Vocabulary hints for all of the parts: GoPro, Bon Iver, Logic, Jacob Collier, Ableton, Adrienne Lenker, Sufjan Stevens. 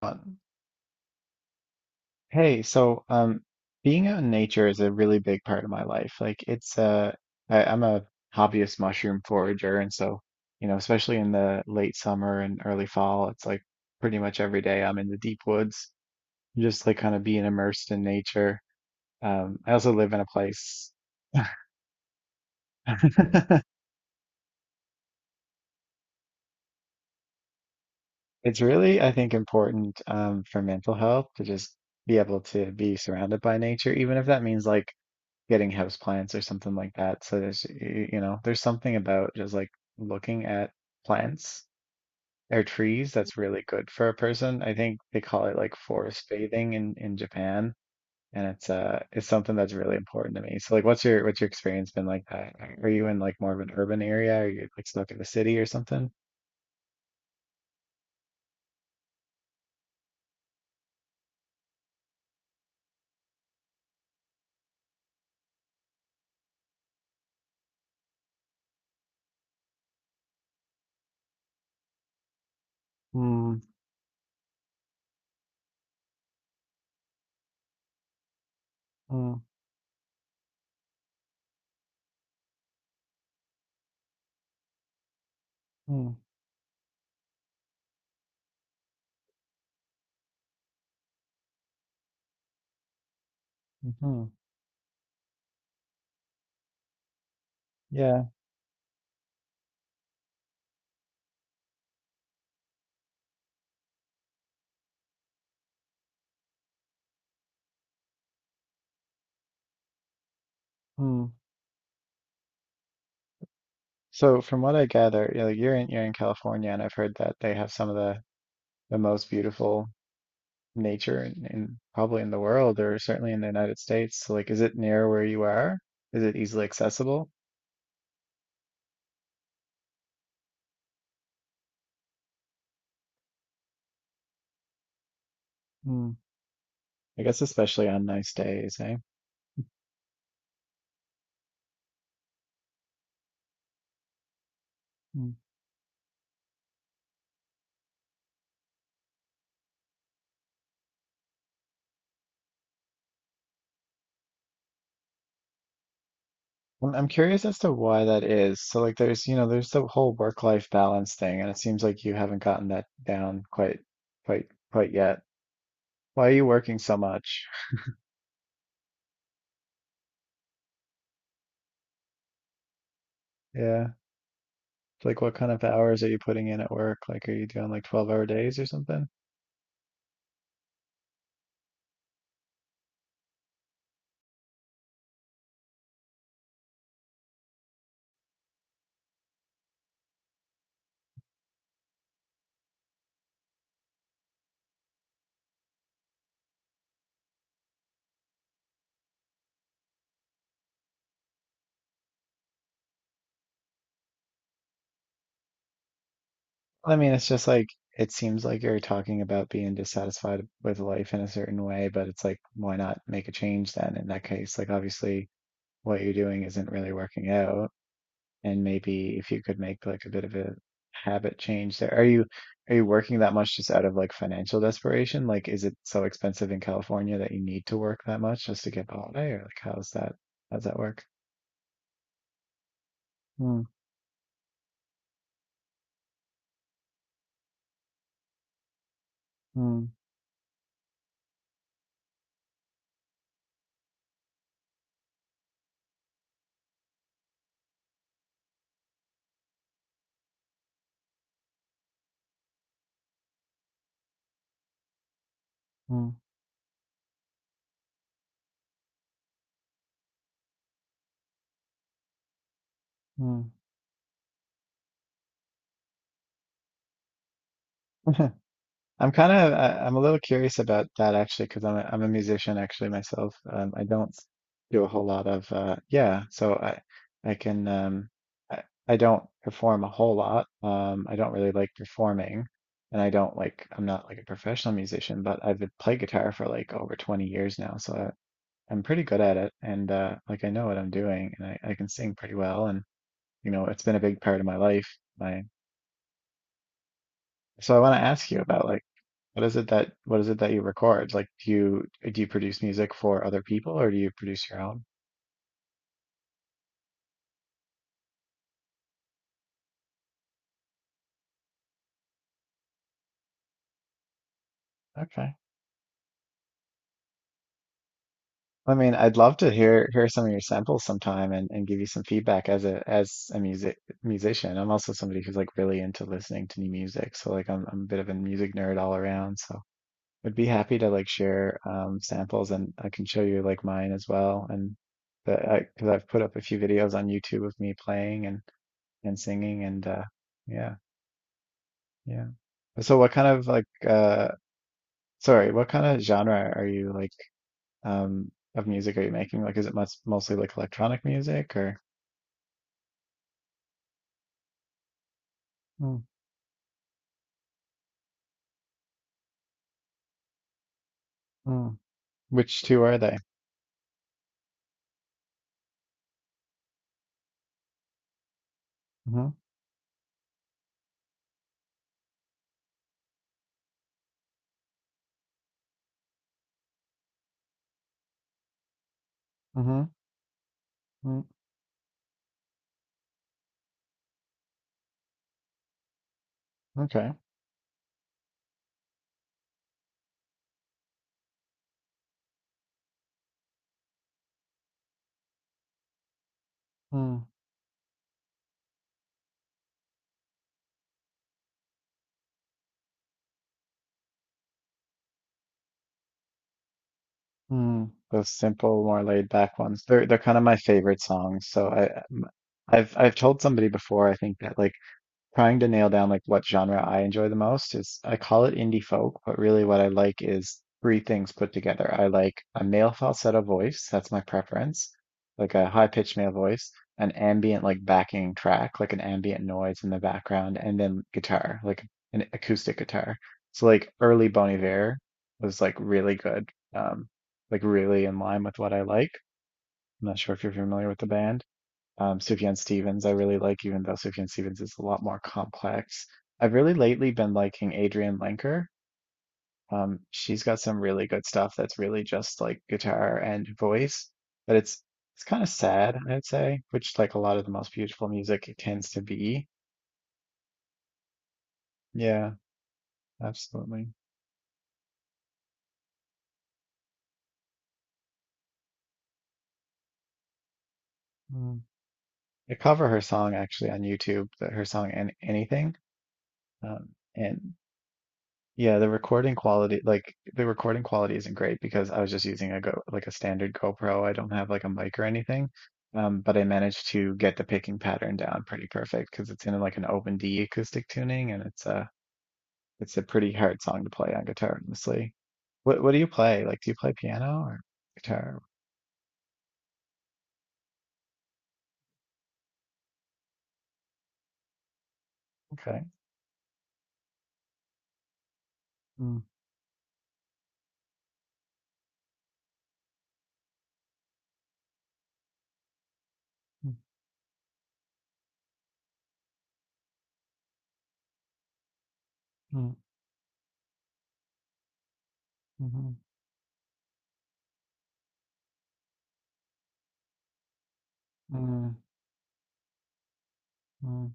Uh, Hey, so Being out in nature is a really big part of my life. I'm a hobbyist mushroom forager, and so you know, especially in the late summer and early fall, it's like pretty much every day I'm in the deep woods, just like kind of being immersed in nature. I also live in a place. It's really, I think, important for mental health to just be able to be surrounded by nature, even if that means like getting house plants or something like that. So you know, there's something about just like looking at plants or trees that's really good for a person. I think they call it like forest bathing in Japan, and it's it's something that's really important to me. So like what's your experience been like that? Are you in like more of an urban area? Are you like stuck in the city or something? Hmm. Hmm. Hmm. Hmm. Yeah. Hmm. So from what I gather, you know, you're in California, and I've heard that they have some of the most beautiful nature and probably in the world or certainly in the United States. So, like, is it near where you are? Is it easily accessible? Hmm. I guess especially on nice days, eh? Hmm. I'm curious as to why that is. So like there's, you know, there's the whole work-life balance thing, and it seems like you haven't gotten that down quite, quite yet. Why are you working so much? Yeah. Like what kind of hours are you putting in at work? Like are you doing like 12-hour days or something? I mean, it's just like it seems like you're talking about being dissatisfied with life in a certain way, but it's like, why not make a change then in that case? Like, obviously, what you're doing isn't really working out, and maybe if you could make like a bit of a habit change there. Are you working that much just out of like financial desperation? Like, is it so expensive in California that you need to work that much just to get by, or like how's that work? Mm, mm, mm, mm. I'm kind of I'm a little curious about that actually because I'm a musician actually myself. I don't do a whole lot of yeah, so I can I, I don't perform a whole lot. I don't really like performing, and I don't like I'm not like a professional musician, but I've been playing guitar for like over 20 years now, so I'm pretty good at it, and like I know what I'm doing, and I can sing pretty well, and you know it's been a big part of my life. My so I want to ask you about like what is it that you record? Like, do you produce music for other people or do you produce your own? Okay. I mean, I'd love to hear some of your samples sometime and give you some feedback as a music musician. I'm also somebody who's like really into listening to new music. So like I'm a bit of a music nerd all around. So I'd be happy to like share samples and I can show you like mine as well and because I've put up a few videos on YouTube of me playing and singing and yeah. Yeah. So what kind of like sorry, what kind of genre are you like of music are you making? Like is it much mostly like electronic music or mm, mm. Which two are they? Hmm. Hmm. Mm, okay. Mm, mm. Those simple, more laid back ones. They're kind of my favorite songs. So I've told somebody before I think that like trying to nail down like what genre I enjoy the most is I call it indie folk, but really what I like is three things put together. I like a male falsetto voice, that's my preference, like a high-pitched male voice, an ambient like backing track, like an ambient noise in the background, and then guitar, like an acoustic guitar. So like early Bon Iver was like really good, um, like really in line with what I like. I'm not sure if you're familiar with the band Sufjan Stevens, I really like, even though Sufjan Stevens is a lot more complex. I've really lately been liking Adrienne Lenker. She's got some really good stuff that's really just like guitar and voice, but it's kind of sad, I'd say, which like a lot of the most beautiful music it tends to be. Yeah, absolutely. Mm. I cover her song actually on YouTube, that her song and anything. Um, and Yeah, the recording quality, like the recording quality isn't great because I was just using a go like a standard GoPro. I don't have like a mic or anything. But I managed to get the picking pattern down pretty perfect because it's in like an open D acoustic tuning and it's a pretty hard song to play on guitar, honestly. What do you play? Like, do you play piano or guitar? Okay. Mm, mm, mm, mhm, mm, mm,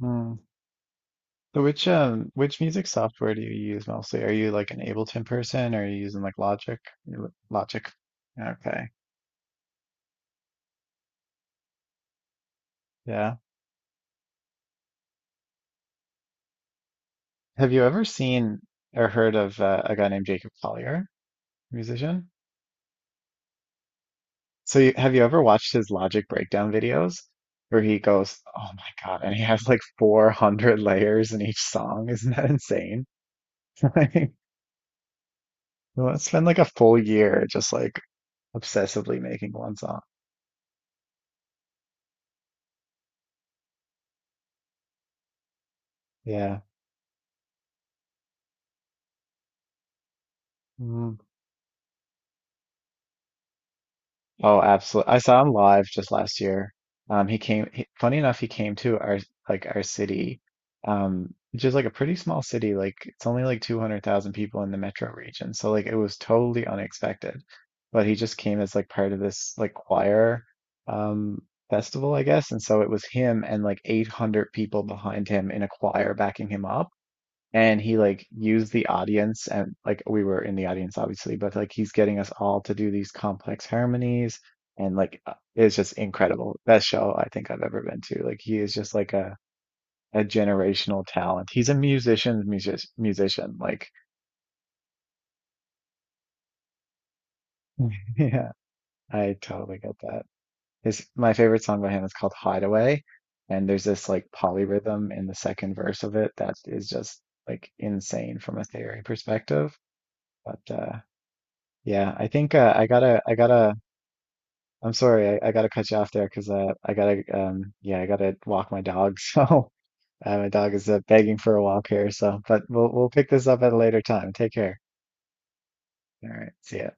mm. So which music software do you use mostly? Are you like an Ableton person or are you using like Logic? You Logic. Okay. Yeah. Have you ever seen or heard of a guy named Jacob Collier, musician? So have you ever watched his Logic breakdown videos where he goes, "Oh my God," and he has like 400 layers in each song. Isn't that insane? Like, you wanna spend like a full year just like obsessively making one song. Yeah. Hmm. Oh, absolutely. I saw him live just last year. He came, funny enough, he came to like our city, which is like a pretty small city. Like it's only like 200,000 people in the metro region. So like it was totally unexpected, but he just came as like part of this like choir, um, festival, I guess. And so it was him and like 800 people behind him in a choir backing him up and he like used the audience and like we were in the audience obviously but like he's getting us all to do these complex harmonies and like it's just incredible, best show I think I've ever been to. Like he is just like a generational talent, he's a musician musician like yeah I totally get that. His My favorite song by him is called Hideaway and there's this like polyrhythm in the second verse of it that is just like insane from a theory perspective but yeah, I think I gotta. I'm sorry, I gotta cut you off there because yeah, I gotta walk my dog. So my dog is begging for a walk here. So, but we'll pick this up at a later time. Take care. All right, see ya.